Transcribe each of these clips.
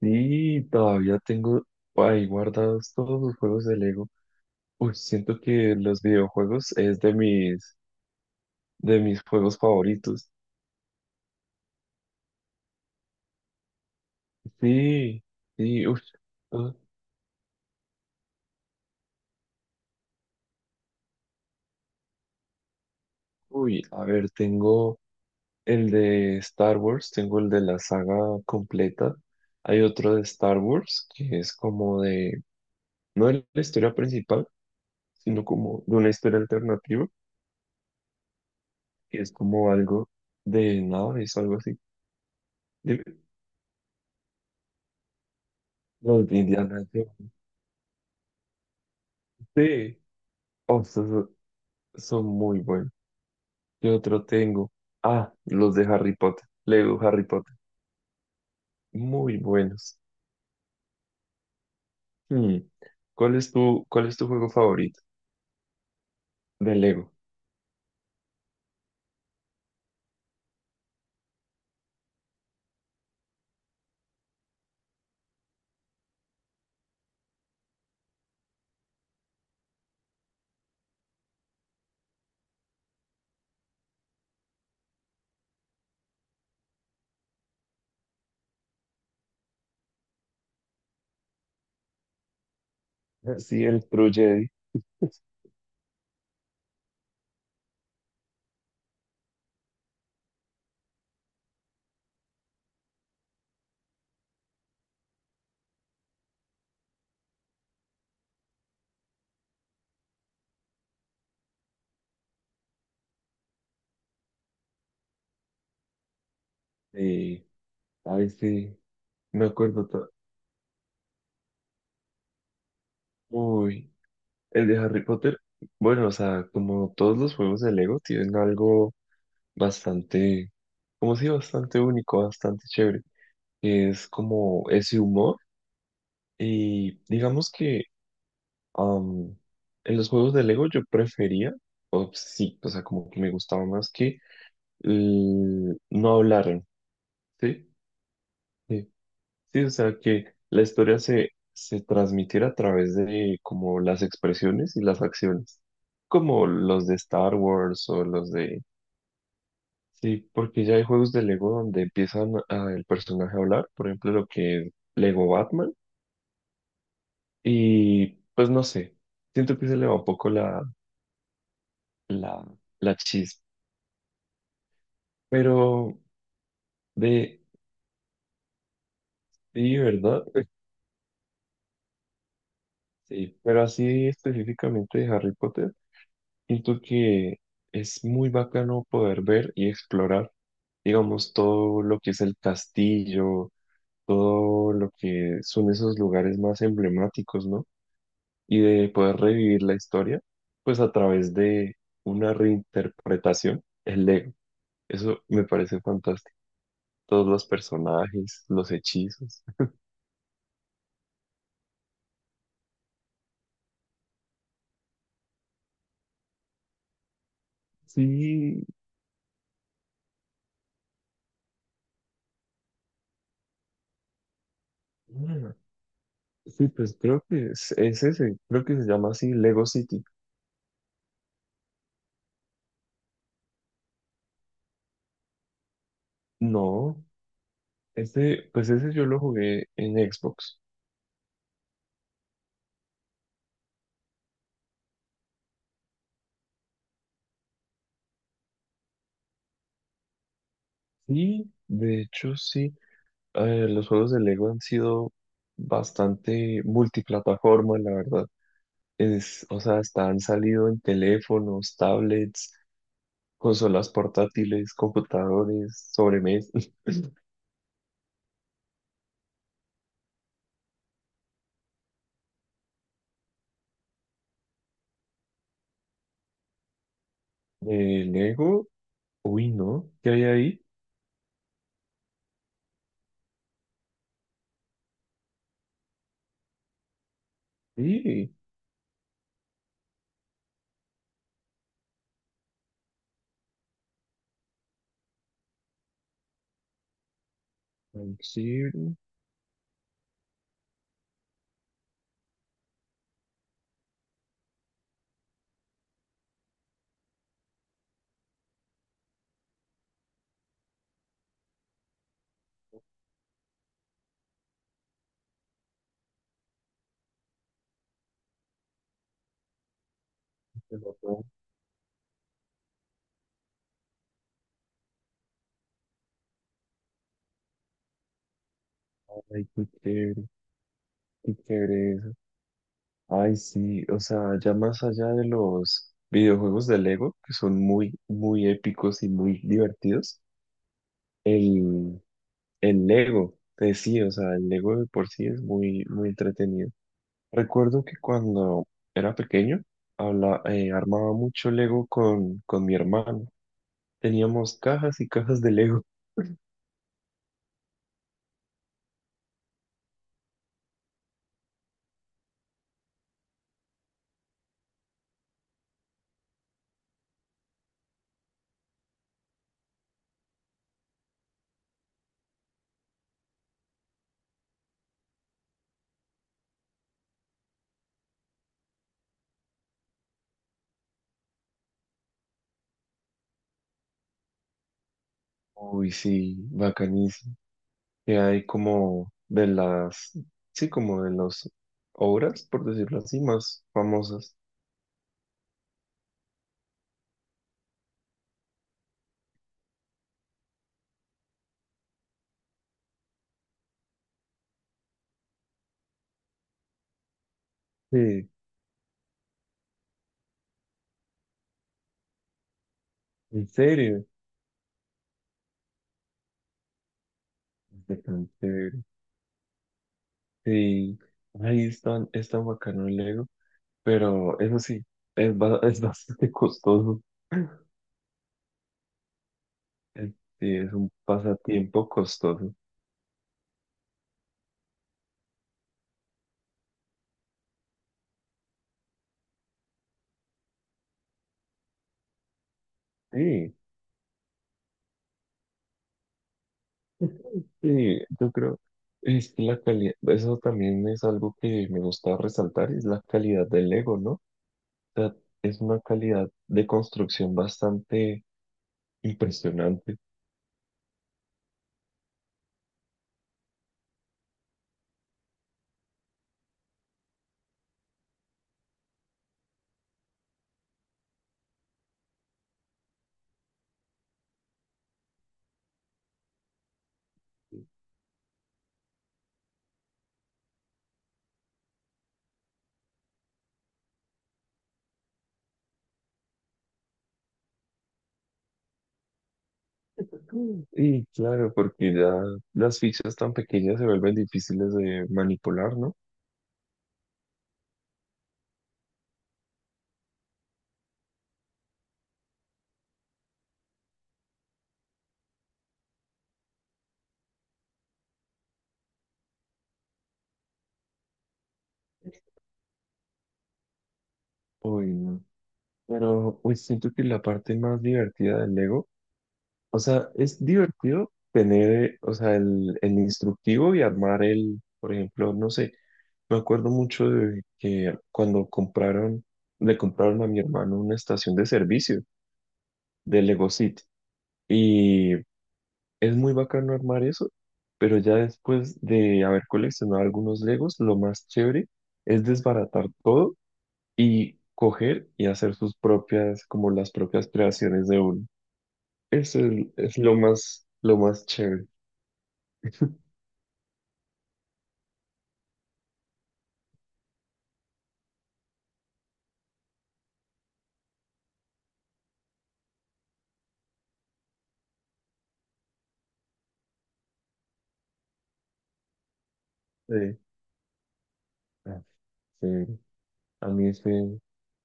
Sí, todavía tengo ahí guardados todos los juegos de Lego. Uy, siento que los videojuegos es de mis juegos favoritos. Sí, sí, uy, ah, a ver, tengo el de Star Wars, tengo el de la saga completa. Hay otro de Star Wars que es como de, no de la historia principal, sino como de una historia alternativa, que es como algo de naves o algo así. Dime, los de Indiana Jones. Sí. Oh, son muy buenos. ¿Qué otro tengo? Ah, los de Harry Potter. Lego Harry Potter. Muy buenos. Hmm. Cuál es tu juego favorito de Lego? Sí, el Pro Jedi. Eh, a veces me acuerdo. Uy, el de Harry Potter. Bueno, o sea, como todos los juegos de Lego tienen algo bastante, como si bastante único, bastante chévere, que es como ese humor. Y digamos que, Am, en los juegos de Lego yo prefería, o sí, o sea, como que me gustaba más que no hablaran, ¿sí? Sí, sí, o sea, que la historia se transmitiera a través de como las expresiones y las acciones, como los de Star Wars o los de... Sí, porque ya hay juegos de Lego donde empiezan el personaje a hablar, por ejemplo, lo que es Lego Batman, y pues no sé, siento que se le va un poco la, la chispa. Pero de, sí, ¿verdad? Sí, pero así específicamente de Harry Potter, siento que es muy bacano poder ver y explorar, digamos, todo lo que es el castillo, todo lo que son esos lugares más emblemáticos, ¿no? Y de poder revivir la historia, pues a través de una reinterpretación, el Lego. Eso me parece fantástico. Todos los personajes, los hechizos. Sí, sí, pues creo que es ese, creo que se llama así Lego City. No, este, pues ese yo lo jugué en Xbox. Sí, de hecho sí, los juegos de Lego han sido bastante multiplataforma, la verdad. Es, o sea, hasta han salido en teléfonos, tablets, consolas portátiles, computadores, sobremesas. De Lego, uy, ¿no? ¿Qué hay ahí? Sí, ay, sí, pero no, ay, qué chévere, qué chévere. Ay, sí, o sea, ya más allá de los videojuegos de Lego, que son muy, muy épicos y muy divertidos, el, el Lego, sí, o sea, el Lego de por sí es muy, muy entretenido. Recuerdo que cuando era pequeño, armaba mucho Lego con mi hermano. Teníamos cajas y cajas de Lego. Uy, sí, bacanísimo. Que hay como de las, sí, como de las obras, por decirlo así, más famosas. Sí, ¿en serio? Está tan chévere. Sí, ahí es tan bacano el Lego, pero eso sí, es, es bastante costoso. Es- Sí, es un pasatiempo costoso. Sí, sí, yo creo, es que la calidad, eso también es algo que me gusta resaltar, es la calidad del Lego, ¿no? O sea, es una calidad de construcción bastante impresionante. Y claro, porque ya las fichas tan pequeñas se vuelven difíciles de manipular, ¿no? Uy, no. Pero pues siento que la parte más divertida del Lego, o sea, es divertido tener, o sea, el instructivo y armar el, por ejemplo, no sé, me acuerdo mucho de que cuando compraron, le compraron a mi hermano una estación de servicio de Lego City. Es muy bacano armar eso, pero ya después de haber coleccionado algunos Legos, lo más chévere es desbaratar todo y coger y hacer sus propias, como las propias creaciones de uno. Eso es lo más chévere. Sí. Ah, sí. A mí ese,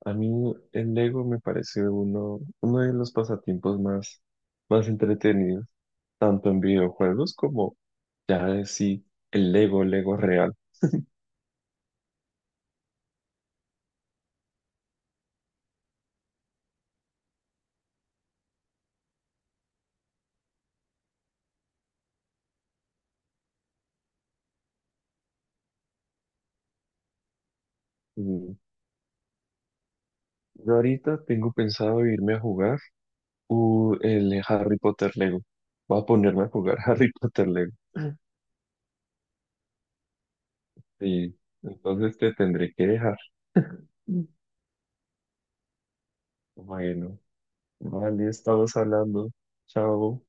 a mí el Lego me parece uno de los pasatiempos más, más entretenidos, tanto en videojuegos como ya de sí, el Lego, Lego real. Mm, yo ahorita tengo pensado irme a jugar el Harry Potter Lego. Voy a ponerme a jugar Harry Potter Lego. Sí, entonces te tendré que dejar. Mm. Bueno, vale, estamos hablando. Chao.